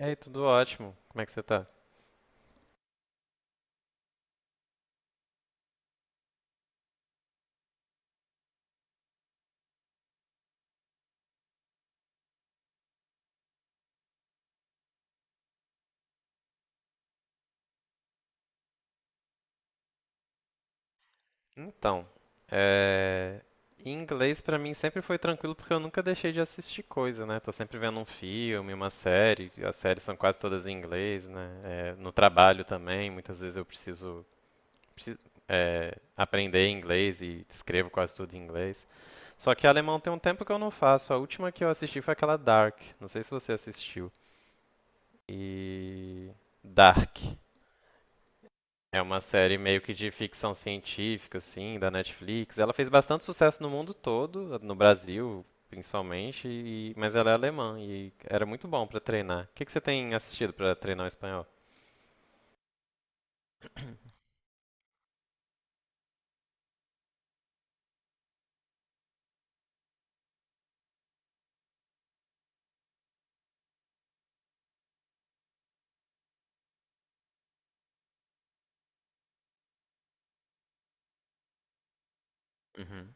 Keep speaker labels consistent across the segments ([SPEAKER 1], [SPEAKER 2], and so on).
[SPEAKER 1] E aí, tudo ótimo? Como é que você tá? Então, é... em inglês pra mim sempre foi tranquilo porque eu nunca deixei de assistir coisa, né? Tô sempre vendo um filme, uma série. As séries são quase todas em inglês, né? É, no trabalho também, muitas vezes eu preciso aprender inglês e escrevo quase tudo em inglês. Só que alemão tem um tempo que eu não faço. A última que eu assisti foi aquela Dark. Não sei se você assistiu. E Dark. É uma série meio que de ficção científica, assim, da Netflix. Ela fez bastante sucesso no mundo todo, no Brasil principalmente, mas ela é alemã e era muito bom pra treinar. O que que você tem assistido pra treinar o espanhol? Uhum.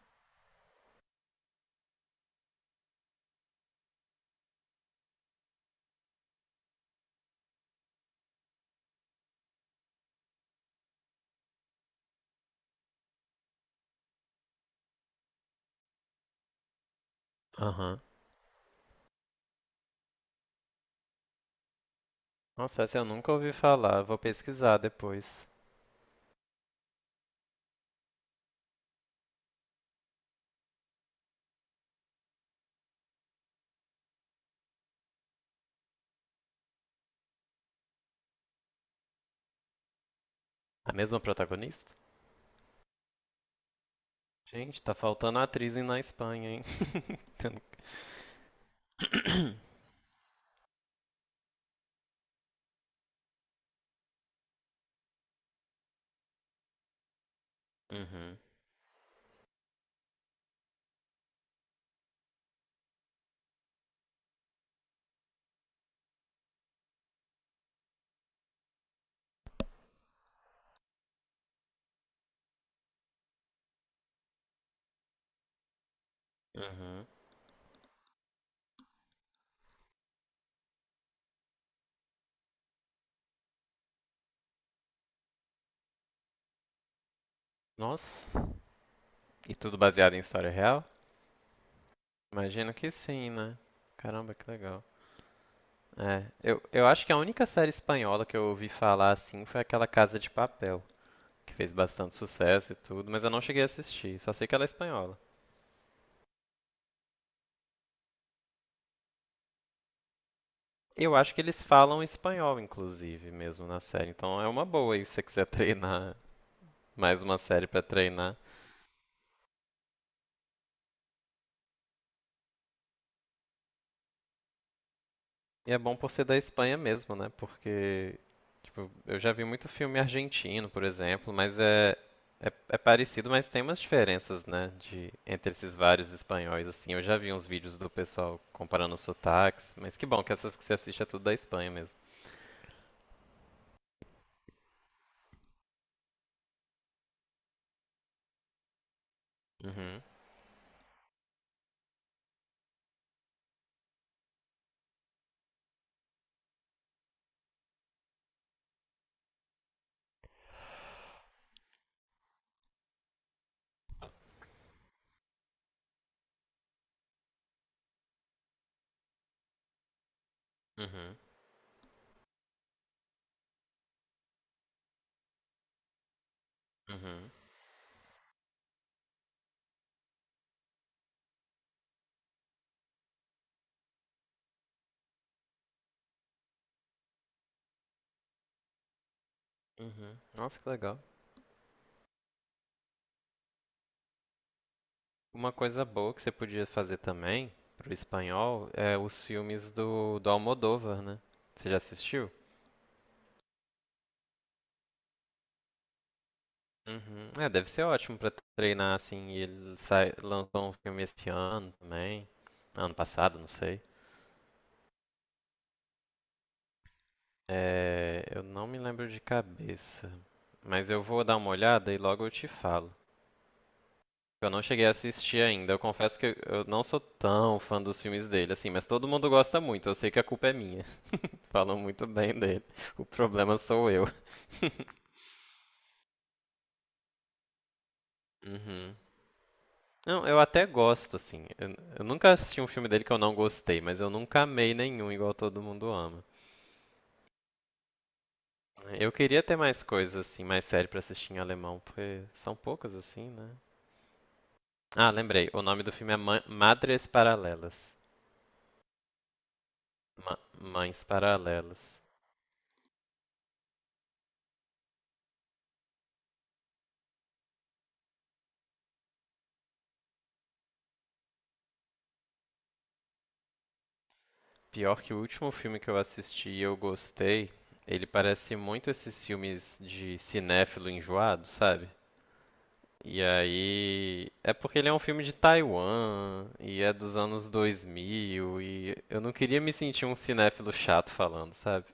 [SPEAKER 1] Aham. Nossa, essa eu nunca ouvi falar. Vou pesquisar depois. A mesma protagonista? Gente, tá faltando atriz na Espanha, hein? Uhum. Uhum. Nossa. E tudo baseado em história real? Imagino que sim, né? Caramba, que legal. Eu acho que a única série espanhola que eu ouvi falar assim foi aquela Casa de Papel, que fez bastante sucesso e tudo, mas eu não cheguei a assistir, só sei que ela é espanhola. Eu acho que eles falam espanhol, inclusive, mesmo na série, então é uma boa aí se você quiser treinar mais uma série pra treinar. E é bom por ser da Espanha mesmo, né? Porque Tipo, eu já vi muito filme argentino, por exemplo, mas é parecido, mas tem umas diferenças, né, de, entre esses vários espanhóis, assim. Eu já vi uns vídeos do pessoal comparando os sotaques, mas que bom que essas que você assiste é tudo da Espanha mesmo. Uhum, uhum, uhum, uhum. Nossa, que legal. Uma coisa boa que você podia fazer também pro espanhol é os filmes do Almodóvar, né? Você já assistiu? Uhum. É, deve ser ótimo pra treinar assim. E ele sai, lançou um filme este ano também. Ano passado, não sei. É, eu não me lembro de cabeça, mas eu vou dar uma olhada e logo eu te falo. Eu não cheguei a assistir ainda. Eu confesso que eu não sou tão fã dos filmes dele, assim, mas todo mundo gosta muito. Eu sei que a culpa é minha. Falam muito bem dele. O problema sou eu. Uhum. Não, eu até gosto, assim. Eu nunca assisti um filme dele que eu não gostei, mas eu nunca amei nenhum igual todo mundo ama. Eu queria ter mais coisas, assim, mais série pra assistir em alemão, porque são poucas, assim, né? Ah, lembrei. O nome do filme é Madres Paralelas. Mães Paralelas. Pior que o último filme que eu assisti e eu gostei, ele parece muito esses filmes de cinéfilo enjoado, sabe? E aí. É porque ele é um filme de Taiwan, e é dos anos 2000, e eu não queria me sentir um cinéfilo chato falando, sabe?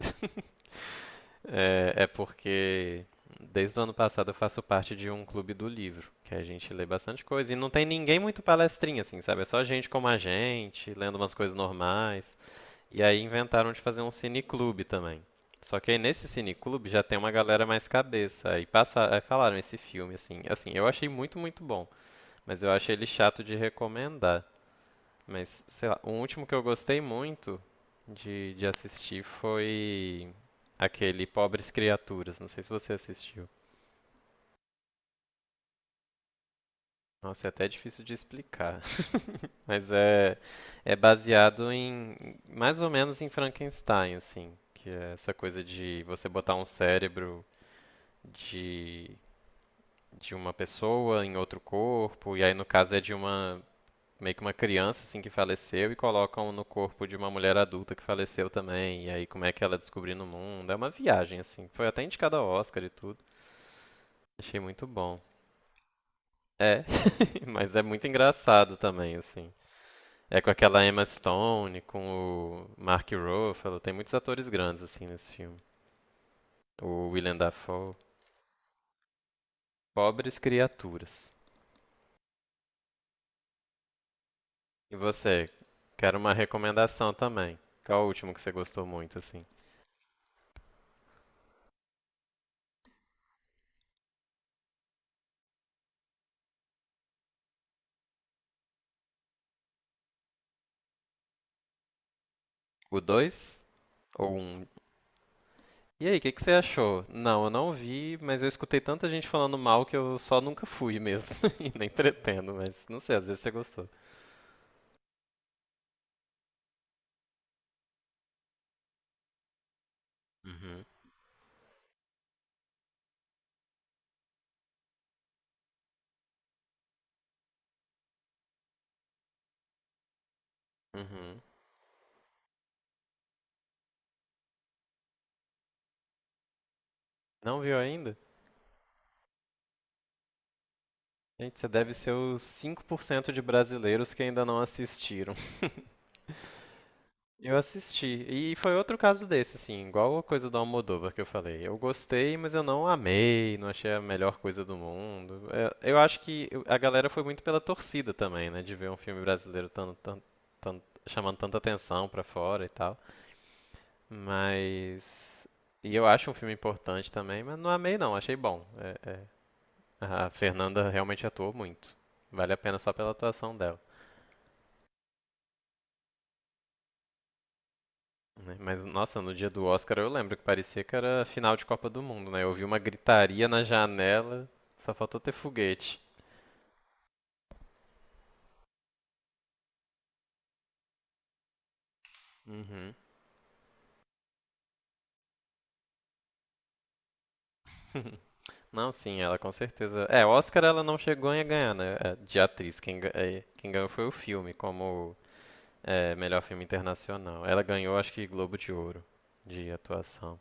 [SPEAKER 1] É porque desde o ano passado eu faço parte de um clube do livro, que a gente lê bastante coisa. E não tem ninguém muito palestrinha, assim, sabe? É só gente como a gente, lendo umas coisas normais. E aí inventaram de fazer um cineclube também. Só que aí nesse cineclube já tem uma galera mais cabeça. Aí, passa, aí falaram esse filme, assim. Assim, eu achei muito, muito bom. Mas eu achei ele chato de recomendar. Mas, sei lá, o último que eu gostei muito de assistir foi aquele Pobres Criaturas. Não sei se você assistiu. Nossa, é até difícil de explicar. Mas é, é baseado em, mais ou menos em Frankenstein, assim. Que é essa coisa de você botar um cérebro de, de uma pessoa em outro corpo. E aí, no caso, é de uma meio que uma criança assim que faleceu e colocam no corpo de uma mulher adulta que faleceu também. E aí como é que ela descobriu no mundo? É uma viagem assim. Foi até indicada ao Oscar e tudo. Achei muito bom. É, mas é muito engraçado também assim. É com aquela Emma Stone, com o Mark Ruffalo, tem muitos atores grandes assim nesse filme. O Willem Dafoe, Pobres Criaturas. E você? Quero uma recomendação também. Qual é o último que você gostou muito assim? O 2 ou um. E aí, o que que você achou? Não, eu não vi, mas eu escutei tanta gente falando mal que eu só nunca fui mesmo. E nem pretendo, mas não sei, às vezes você gostou. Uhum, uhum. Não viu ainda? Gente, você deve ser os 5% de brasileiros que ainda não assistiram. Eu assisti. E foi outro caso desse, assim, igual a coisa do Almodóvar que eu falei. Eu gostei, mas eu não amei, não achei a melhor coisa do mundo. É, eu acho que a galera foi muito pela torcida também, né? De ver um filme brasileiro tan- chamando tanta atenção pra fora e tal. Mas. E é importante. Mas não amei, não, achei bom. É. A Fernanda realmente atuou muito. Vale a pena só pela atuação dela. Né? Mas, nossa, no dia do Oscar eu lembro que parecia que era final de Copa do Mundo, né? Eu ouvi uma gritaria na janela, só faltou ter foguete. Uhum. Não, sim, ela com certeza. É, Oscar ela não chegou a ganhar, né? É, de atriz. Quem ganhou foi o filme, como é, melhor filme internacional. Ela ganhou, acho que Globo de Ouro de atuação.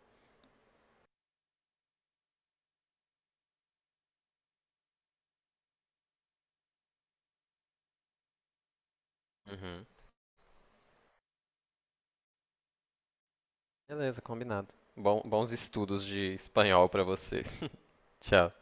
[SPEAKER 1] Uhum. Beleza, combinado. Bons estudos de espanhol pra você. Tchau.